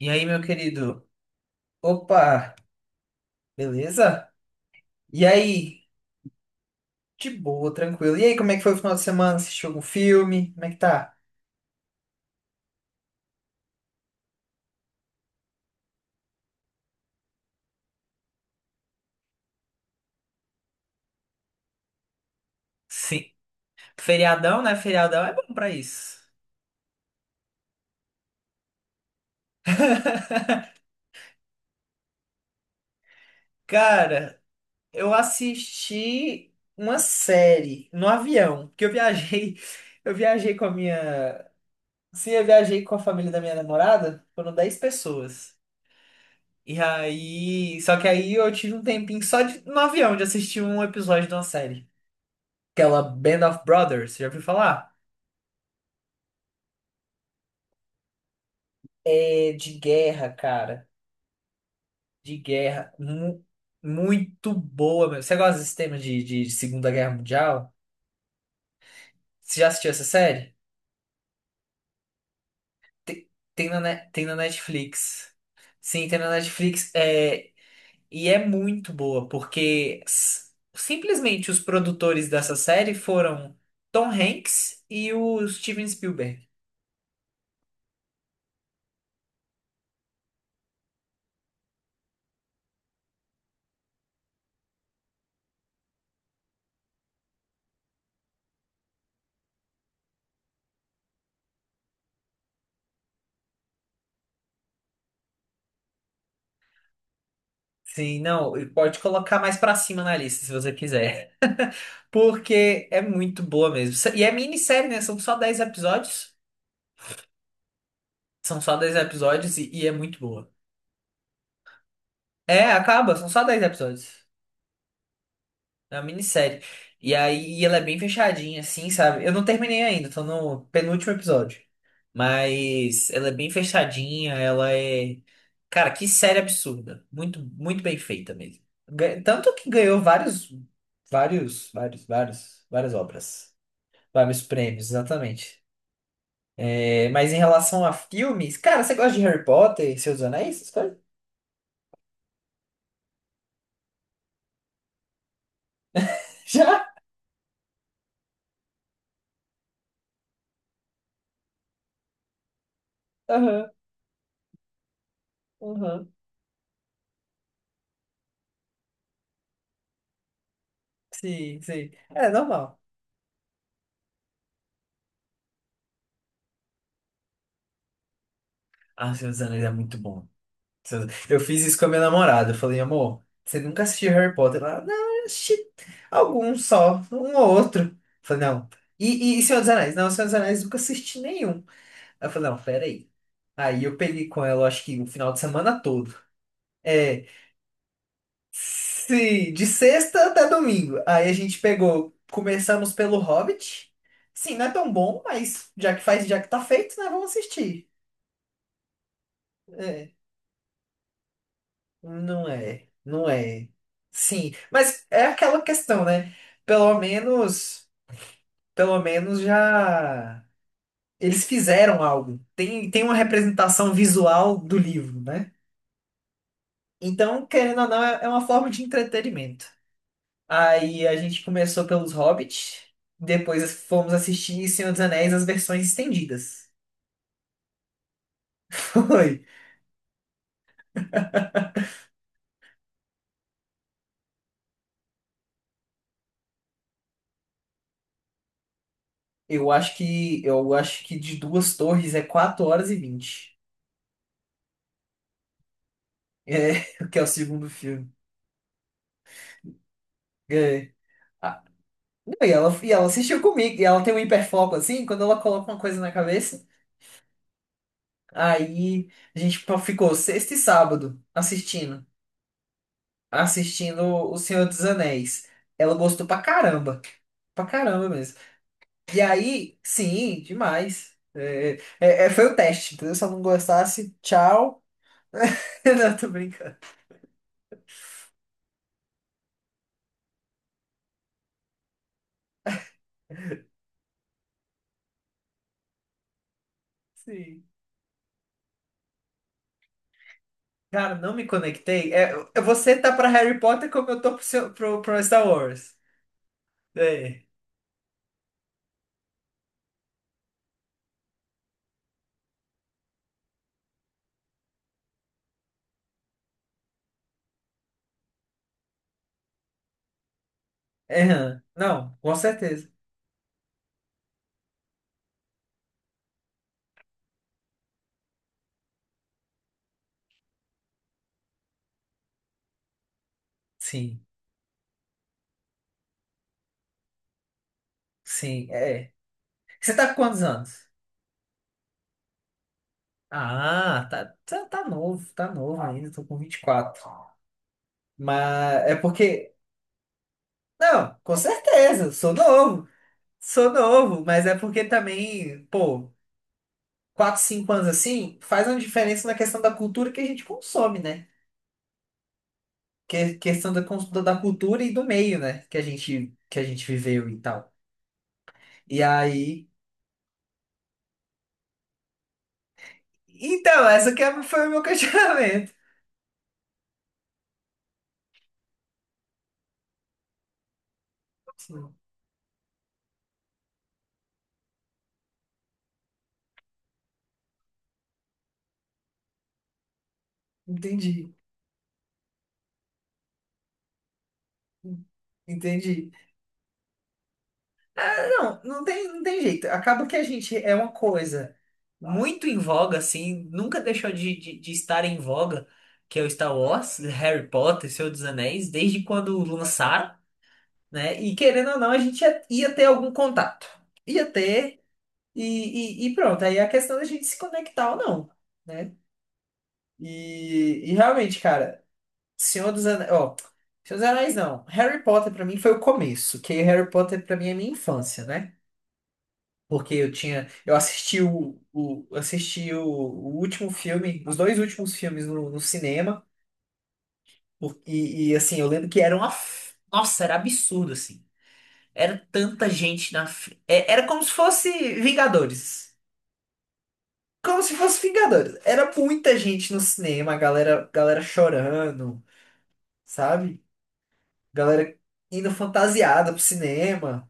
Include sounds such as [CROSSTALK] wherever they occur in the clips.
E aí, meu querido? Opa, beleza? E aí? De boa, tranquilo. E aí, como é que foi o final de semana? Assistiu algum filme? Como é que tá? Sim. Feriadão, né? Feriadão é bom pra isso. [LAUGHS] Cara, eu assisti uma série no avião, porque eu viajei, [LAUGHS] eu viajei com a minha, sim, eu viajei com a família da minha namorada, foram 10 pessoas. E aí, só que aí eu tive um tempinho só de, no avião de assistir um episódio de uma série. Aquela Band of Brothers, já ouviu falar? É de guerra, cara. De guerra. Muito boa, meu. Você gosta desse tema de Segunda Guerra Mundial? Você já assistiu essa série? Tem, tem na Netflix. Sim, tem na Netflix. É, e é muito boa, porque simplesmente os produtores dessa série foram Tom Hanks e o Steven Spielberg. Sim, não, e pode colocar mais pra cima na lista, se você quiser. Porque é muito boa mesmo. E é minissérie, né? São só 10 episódios. São só 10 episódios e é muito boa. É, acaba, são só 10 episódios. É uma minissérie. E aí ela é bem fechadinha, assim, sabe? Eu não terminei ainda, tô no penúltimo episódio. Mas ela é bem fechadinha, ela é. Cara, que série absurda. Muito, muito bem feita mesmo. Tanto que ganhou várias obras. Vários prêmios, exatamente. É, mas em relação a filmes, cara, você gosta de Harry Potter e Seus Anéis? Essas coisas? [LAUGHS] Já? Aham, aham. Sim, sim. É normal. Ah, Seus Anéis é muito bom. Seus- Eu fiz isso com a minha namorada. Eu falei, amor, você nunca assistiu Harry Potter? Ela, não, eu assisti algum só, um ou outro. Eu falei, não. E Senhor dos Anéis? Não, Senhor dos Anéis nunca assisti nenhum. Ela falou, não, peraí. Aí eu peguei com ela, eu acho que o final de semana todo. É. Sim, de sexta até domingo. Aí a gente pegou, começamos pelo Hobbit. Sim, não é tão bom, mas já que faz, já que tá feito, né? Vamos assistir. É, não é, não é. Sim, mas é aquela questão, né? Pelo menos, pelo menos já eles fizeram algo. Tem, tem uma representação visual do livro, né? Então, querendo ou não, é uma forma de entretenimento. Aí a gente começou pelos Hobbits, depois fomos assistir Senhor dos Anéis as versões estendidas. [LAUGHS] Foi. Eu acho que de Duas Torres é 4 horas e vinte. É, [LAUGHS] que é o segundo filme. É. Ah, não, e ela assistiu comigo, e ela tem um hiperfoco assim, quando ela coloca uma coisa na cabeça, aí a gente ficou sexta e sábado assistindo, assistindo O Senhor dos Anéis. Ela gostou pra caramba, pra caramba. E aí, sim, demais. É, foi o teste, entendeu? Se eu não gostasse, tchau. [LAUGHS] Não, tô brincando. Sim. Cara, não me conectei. É, você tá pra Harry Potter como eu tô pro Star Wars. É. É, hã. Não, com certeza. Sim, sim, é. Você tá com quantos anos? Ah, tá, tá, tá novo ainda, tô com 24. Mas é porque. Não, com certeza, sou novo. Sou novo, mas é porque também, pô. 4, 5 anos assim, faz uma diferença na questão da cultura que a gente consome, né? Que é questão da cultura e do meio, né? Que a gente viveu e tal. E aí. Então, essa que foi o meu [LAUGHS] questionamento. Sim, entendi. Entendi. Não, não tem, não tem jeito. Acaba que a gente é uma coisa muito em voga, assim, nunca deixou de estar em voga, que é o Star Wars, Harry Potter, Senhor dos Anéis, desde quando lançaram, né? E querendo ou não, a gente ia ter algum contato. Ia ter, e pronto. Aí é a questão da gente se conectar ou não, né? E realmente, cara, Senhor dos Anéis. Ó, Senhor dos Anéis não. Harry Potter pra mim foi o começo, que Harry Potter pra mim é minha infância, né? Porque eu tinha. Eu assisti o último filme, os dois últimos filmes no cinema. E assim, eu lembro que Nossa, era absurdo, assim. Era tanta gente. Era como se fosse Vingadores. Como se fosse Vingadores. Era muita gente no cinema, a galera chorando, sabe? Galera indo fantasiada pro cinema.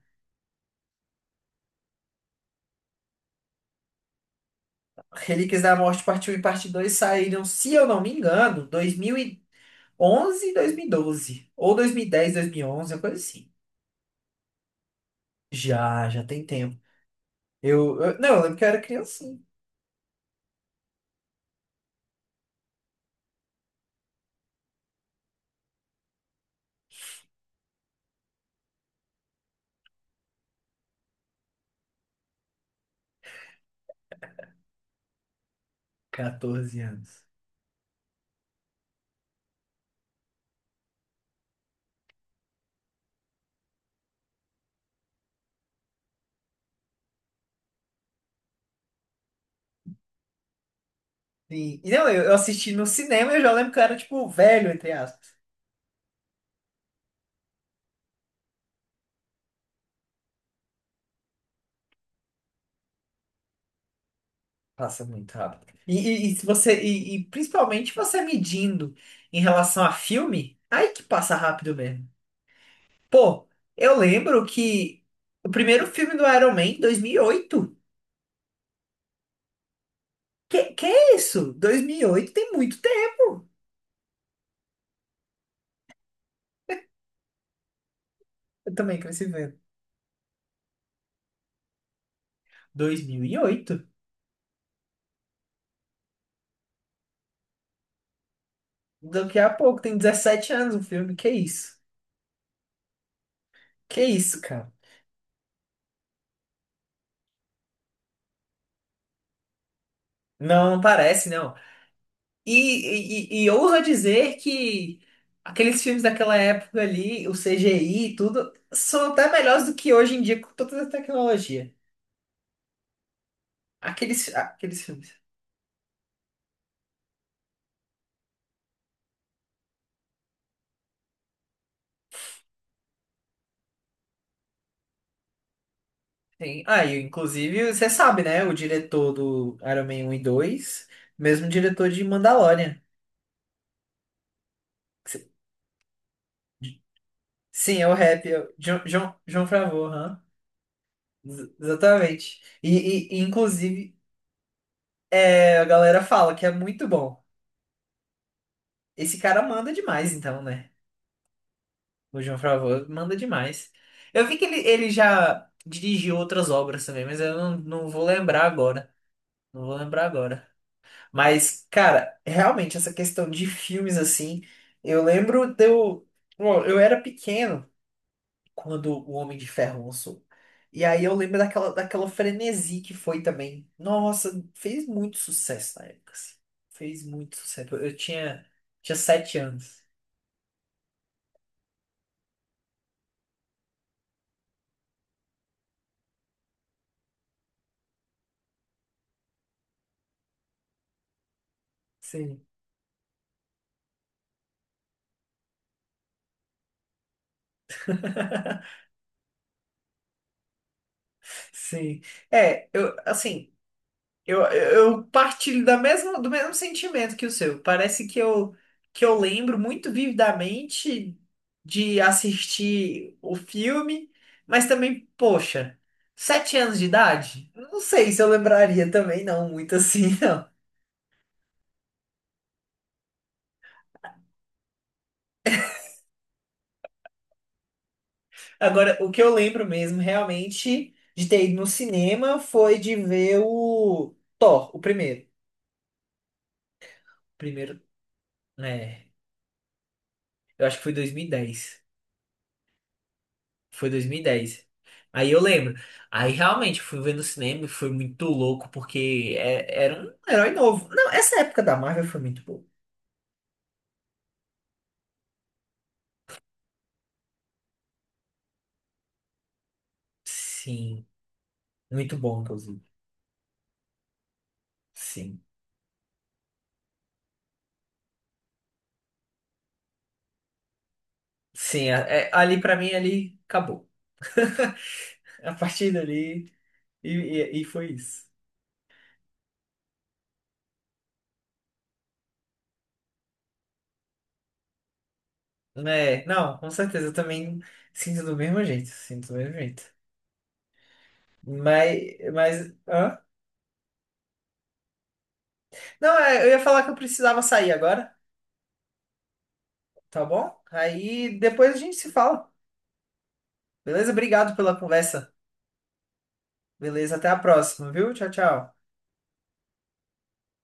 Relíquias da Morte Parte Um e Parte 2 saíram, se eu não me engano, 2011 e 2012. Ou 2010, 2011, uma coisa assim. Já tem tempo. Não, eu lembro que eu era criancinha. 14 anos. E não, eu assisti no cinema e eu já lembro que eu era, tipo, velho, entre aspas. Passa muito rápido. E se você, e principalmente você medindo em relação a filme, aí que passa rápido mesmo. Pô, eu lembro que o primeiro filme do Iron Man, 2008. Que é isso? 2008 tem muito tempo. Eu também cresci vendo. 2008? Daqui a pouco, tem 17 anos o filme. Que isso? Que isso, cara? Não, não parece, né? E ousa dizer que aqueles filmes daquela época ali, o CGI e tudo, são até melhores do que hoje em dia com toda a tecnologia. Aqueles filmes. Tem, ah, e inclusive, você sabe, né? O diretor do Iron Man 1 e dois, mesmo diretor de Mandalorian. Sim, é o rap, é o John Favreau, aham. Exatamente. E, inclusive, a galera fala que é muito bom. Esse cara manda demais, então, né? O John Favreau manda demais. Eu vi que ele já dirigiu outras obras também, mas eu não, não vou lembrar agora. Não vou lembrar agora. Mas, cara, realmente, essa questão de filmes assim. Eu lembro de eu. Bom, eu era pequeno quando o Homem de Ferro lançou. E aí eu lembro daquela frenesi que foi também. Nossa, fez muito sucesso na época, assim. Fez muito sucesso. Eu tinha 7 anos. Sim. [LAUGHS] Sim. É, eu, assim. Eu partilho do mesmo sentimento que o seu. Parece que eu lembro muito vividamente de assistir o filme, mas também, poxa, 7 anos de idade? Não sei se eu lembraria também, não, muito assim, [LAUGHS] não. Agora, o que eu lembro mesmo, realmente, de ter ido no cinema foi de ver o Thor, o primeiro. Primeiro, né? Eu acho que foi 2010. Foi dois mil e dez. Aí eu lembro. Aí realmente eu fui ver no cinema e foi muito louco, porque era um herói novo. Não, essa época da Marvel foi muito boa. Sim, muito bom, inclusive. Sim. Sim, ali pra mim, ali acabou. [LAUGHS] A partir dali, e foi isso. Né? Não, com certeza, eu também sinto do mesmo jeito. Sinto do mesmo jeito. Mas, hã? Não, eu ia falar que eu precisava sair agora, tá bom? Aí depois a gente se fala. Beleza? Obrigado pela conversa. Beleza, até a próxima, viu? Tchau, tchau.